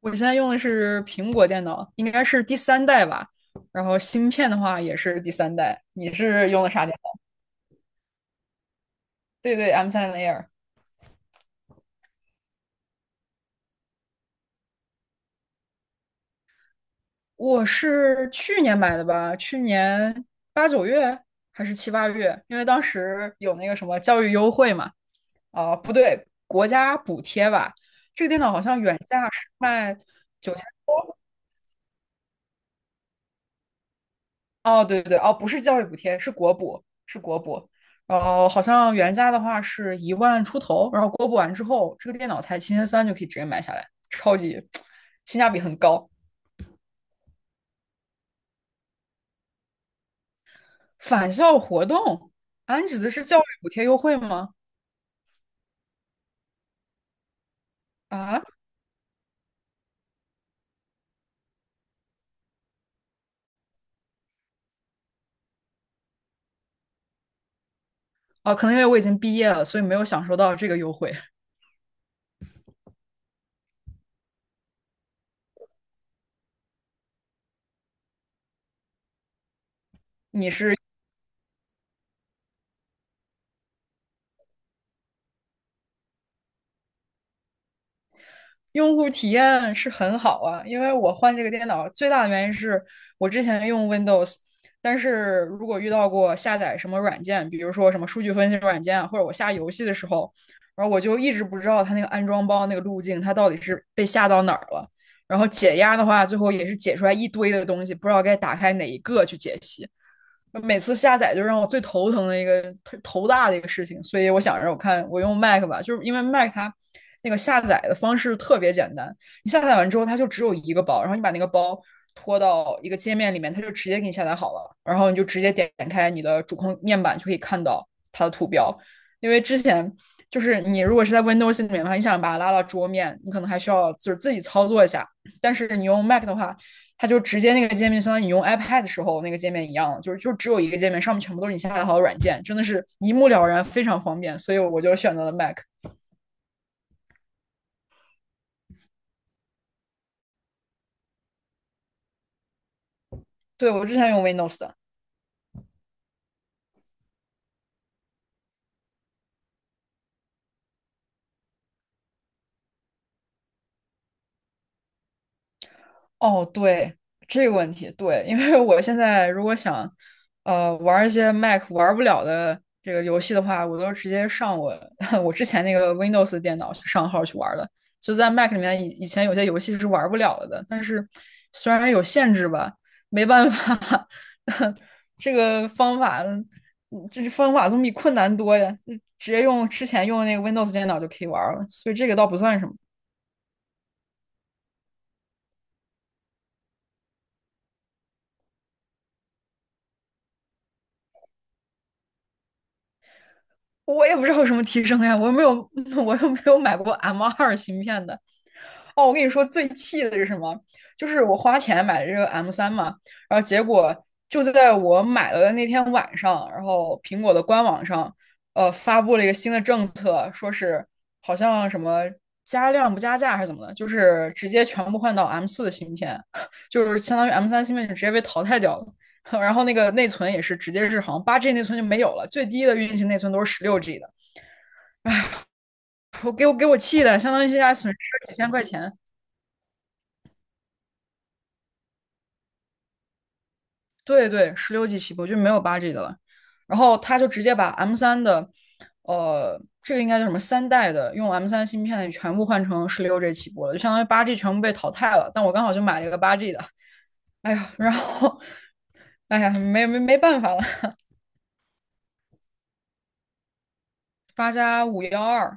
我现在用的是苹果电脑，应该是第三代吧。然后芯片的话也是第三代。你是用的啥电脑？对对，M3 Air。我是去年买的吧，去年8、9月还是7、8月，因为当时有那个什么教育优惠嘛，啊、不对，国家补贴吧。这个电脑好像原价是卖9000。哦，对对对，哦，不是教育补贴，是国补，是国补。然后好像原价的话是1万出头，然后国补完之后，这个电脑才7300就可以直接买下来，超级性价比很高。返校活动啊，你指的是教育补贴优惠吗？啊，哦，可能因为我已经毕业了，所以没有享受到这个优惠。用户体验是很好啊，因为我换这个电脑最大的原因是我之前用 Windows，但是如果遇到过下载什么软件，比如说什么数据分析软件啊或者我下游戏的时候，然后我就一直不知道它那个安装包那个路径，它到底是被下到哪儿了。然后解压的话，最后也是解出来一堆的东西，不知道该打开哪一个去解析。每次下载就让我最头疼的一个头大的一个事情，所以我想着我看我用 Mac 吧，就是因为 Mac 它那个下载的方式特别简单，你下载完之后它就只有一个包，然后你把那个包拖到一个界面里面，它就直接给你下载好了，然后你就直接点开你的主控面板就可以看到它的图标，因为之前。就是你如果是在 Windows 里面的话，你想把它拉到桌面，你可能还需要就是自己操作一下。但是你用 Mac 的话，它就直接那个界面，相当于你用 iPad 的时候那个界面一样，就是就只有一个界面，上面全部都是你下载好的软件，真的是一目了然，非常方便。所以我就选择了 Mac。对，我之前用 Windows 的。哦，对，这个问题，对，因为我现在如果想，玩一些 Mac 玩不了的这个游戏的话，我都直接上我 我之前那个 Windows 电脑去上号去玩的。就在 Mac 里面，以前有些游戏是玩不了了的，但是虽然有限制吧，没办法，这个方法，这方法总比困难多呀。嗯直接用之前用的那个 Windows 电脑就可以玩了，所以这个倒不算什么。我也不知道有什么提升呀，我又没有，我又没有买过 M2芯片的。哦，我跟你说最气的是什么？就是我花钱买的这个 M 三嘛，然后结果就在我买了的那天晚上，然后苹果的官网上，发布了一个新的政策，说是好像什么加量不加价还是怎么的，就是直接全部换到 M4的芯片，就是相当于 M3芯片就直接被淘汰掉了。然后那个内存也是直接是好像八 G 内存就没有了，最低的运行内存都是十六 G 的，我给我气的，相当于现在损失了几千块钱。对对，十六 G 起步就没有8G 的了，然后他就直接把 M 三的，这个应该叫什么三代的用 M 三芯片的全部换成十六 G 起步了，就相当于八 G 全部被淘汰了。但我刚好就买了一个八 G 的，哎呀，然后，哎呀，没办法了，8+512。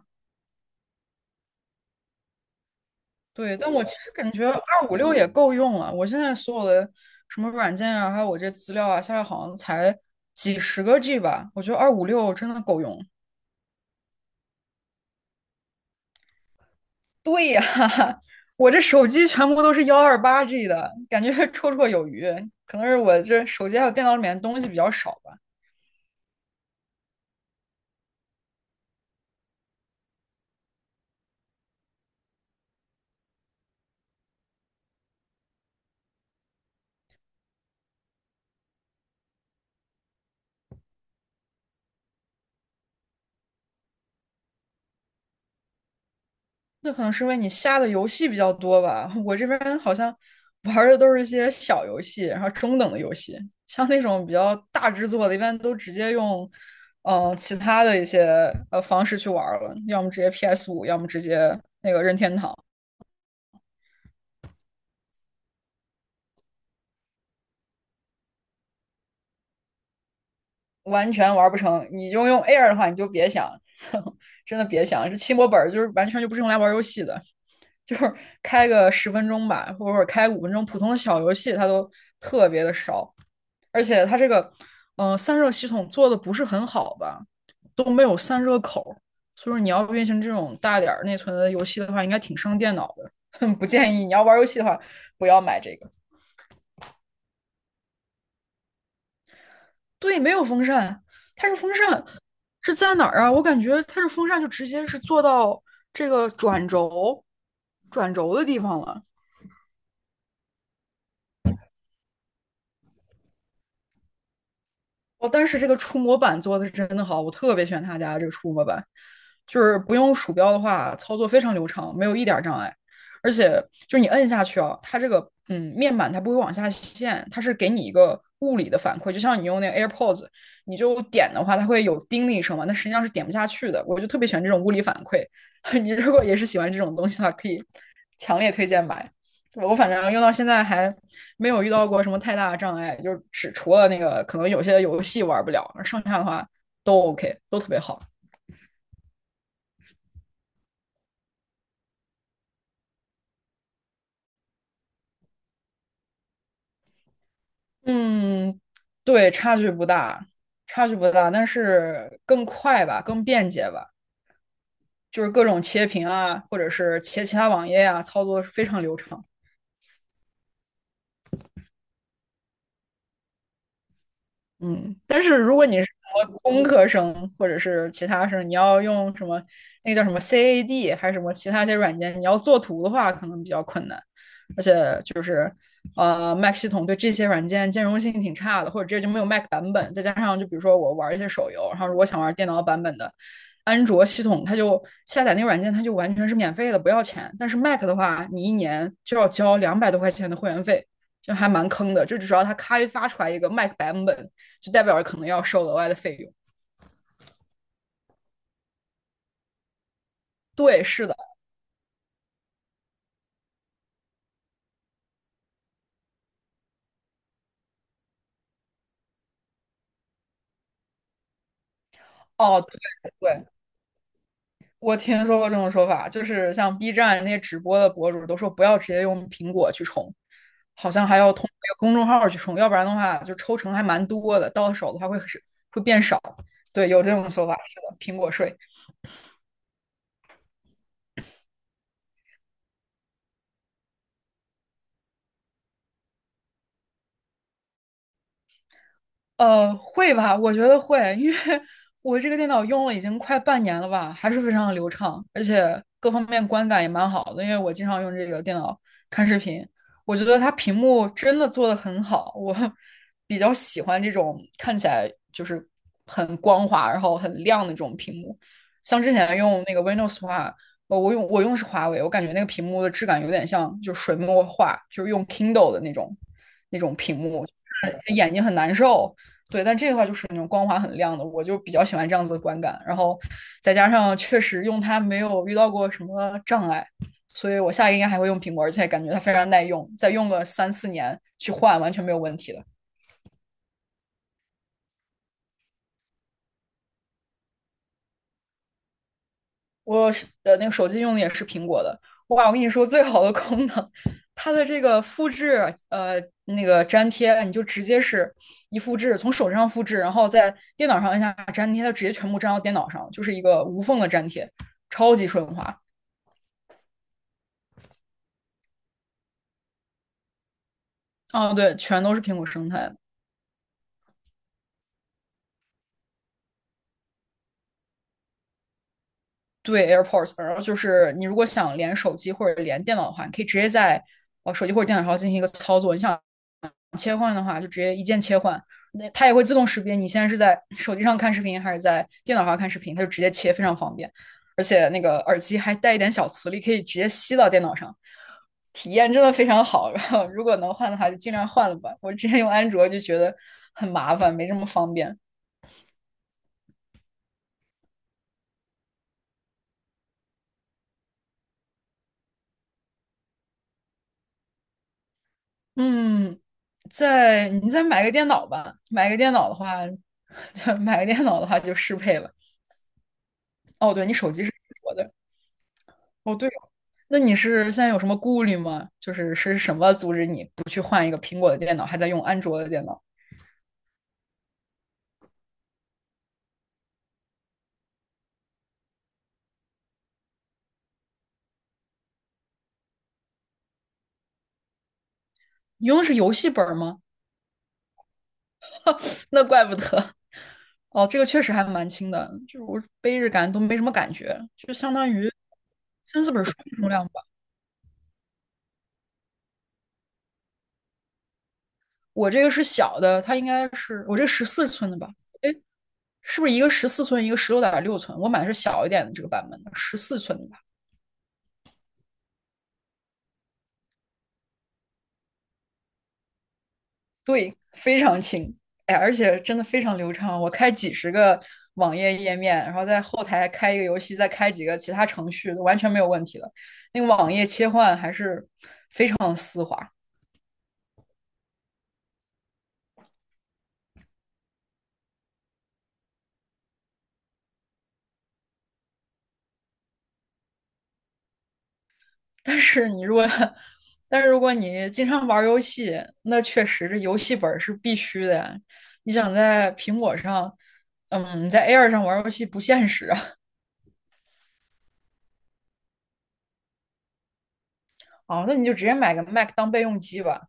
对，但我其实感觉二五六也够用了。我现在所有的什么软件啊，还有我这资料啊，下来好像才几十个 G 吧。我觉得二五六真的够用。对呀，我这手机全部都是128G 的，感觉绰绰有余。可能是我这手机还有电脑里面的东西比较少吧。那可能是因为你下的游戏比较多吧。我这边好像玩儿的都是一些小游戏，然后中等的游戏，像那种比较大制作的，一般都直接用其他的一些方式去玩儿了，要么直接 PS5，要么直接那个任天堂。完全玩不成。你就用 Air 的话，你就别想，呵呵真的别想，这轻薄本就是完全就不是用来玩游戏的，就是开个10分钟吧，或者开5分钟，普通的小游戏它都特别的少，而且它这个散热系统做的不是很好吧，都没有散热口，所以说你要运行这种大点儿内存的游戏的话，应该挺伤电脑的。不建议你要玩游戏的话，不要买这个。对，没有风扇，它是风扇是在哪儿啊？我感觉它是风扇就直接是做到这个转轴的地方了。哦，但是这个触摸板做的是真的好，我特别喜欢他家的这个触摸板，就是不用鼠标的话，操作非常流畅，没有一点儿障碍。而且就是你摁下去啊，它这个面板它不会往下陷，它是给你一个物理的反馈，就像你用那个 AirPods，你就点的话，它会有叮的一声嘛，那实际上是点不下去的。我就特别喜欢这种物理反馈，你如果也是喜欢这种东西的话，可以强烈推荐买。我反正用到现在还没有遇到过什么太大的障碍，就是只除了那个可能有些游戏玩不了，剩下的话都 OK，都特别好。嗯，对，差距不大，差距不大，但是更快吧，更便捷吧，就是各种切屏啊，或者是切其他网页啊，操作是非常流畅。嗯，但是如果你是什么工科生或者是其他生，你要用什么那个叫什么 CAD 还是什么其他一些软件，你要做图的话，可能比较困难。Mac 系统对这些软件兼容性挺差的，或者这就没有 Mac 版本。再加上就比如说我玩一些手游，然后如果想玩电脑版本的安卓系统，它就下载那个软件它就完全是免费的，不要钱。但是 Mac 的话，你一年就要交200多块钱的会员费。就还蛮坑的，就只要它开发出来一个 Mac 版本，就代表着可能要收额外的费用。对，是的，哦，对对，我听说过这种说法，就是像 B站那些直播的博主都说不要直接用苹果去充，好像还要通过公众号去充，要不然的话就抽成还蛮多的，到手的话会变少。对，有这种说法，是的，苹果税。会吧？我觉得会，因为 我这个电脑用了已经快半年了吧，还是非常的流畅，而且各方面观感也蛮好的。因为我经常用这个电脑看视频，我觉得它屏幕真的做的很好，我 比较喜欢这种看起来就是很光滑，然后很亮的这种屏幕。像之前用那个 Windows 的话，我用是华为，我感觉那个屏幕的质感有点像就是水墨画，就是用 Kindle 的那种屏幕。眼睛很难受。对，但这个话就是那种光滑很亮的，我就比较喜欢这样子的观感。然后再加上确实用它没有遇到过什么障碍，所以我下一个应该还会用苹果，而且感觉它非常耐用，再用个3、4年去换完全没有问题的。我是那个手机用的也是苹果的，哇！我跟你说，最好的功能，它的这个复制，那个粘贴，你就直接是一复制，从手机上复制，然后在电脑上按下粘贴，它直接全部粘到电脑上，就是一个无缝的粘贴，超级顺滑。哦，对，全都是苹果生态的。对， AirPods,然后就是你如果想连手机或者连电脑的话，你可以直接在手机或者电脑上进行一个操作。你想切换的话，就直接一键切换，那它也会自动识别你现在是在手机上看视频还是在电脑上看视频，它就直接切，非常方便。而且那个耳机还带一点小磁力，可以直接吸到电脑上，体验真的非常好。然后如果能换的话，就尽量换了吧。我之前用安卓就觉得很麻烦，没这么方便。嗯，在你再买个电脑吧，买个电脑的话，就买个电脑的话就适配了。哦，对，你手机是安卓的，哦，对哦。那你是现在有什么顾虑吗？就是是什么阻止你不去换一个苹果的电脑，还在用安卓的电脑？你用的是游戏本儿吗？那怪不得。哦，这个确实还蛮轻的，就是我背着感都没什么感觉，就相当于3、4本书的重量吧。我这个是小的，它应该是我这十四寸的吧？哎，是不是一个十四寸，一个16.6寸？我买的是小一点的这个版本的，十四寸的。吧？对，非常轻，哎，而且真的非常流畅。我开几十个网页页面，然后在后台开一个游戏，再开几个其他程序，完全没有问题的。那个网页切换还是非常丝滑。但是你如果，但是如果你经常玩游戏，那确实这游戏本是必须的呀。你想在苹果上，嗯，在 Air 上玩游戏不现实啊。哦，那你就直接买个 Mac 当备用机吧。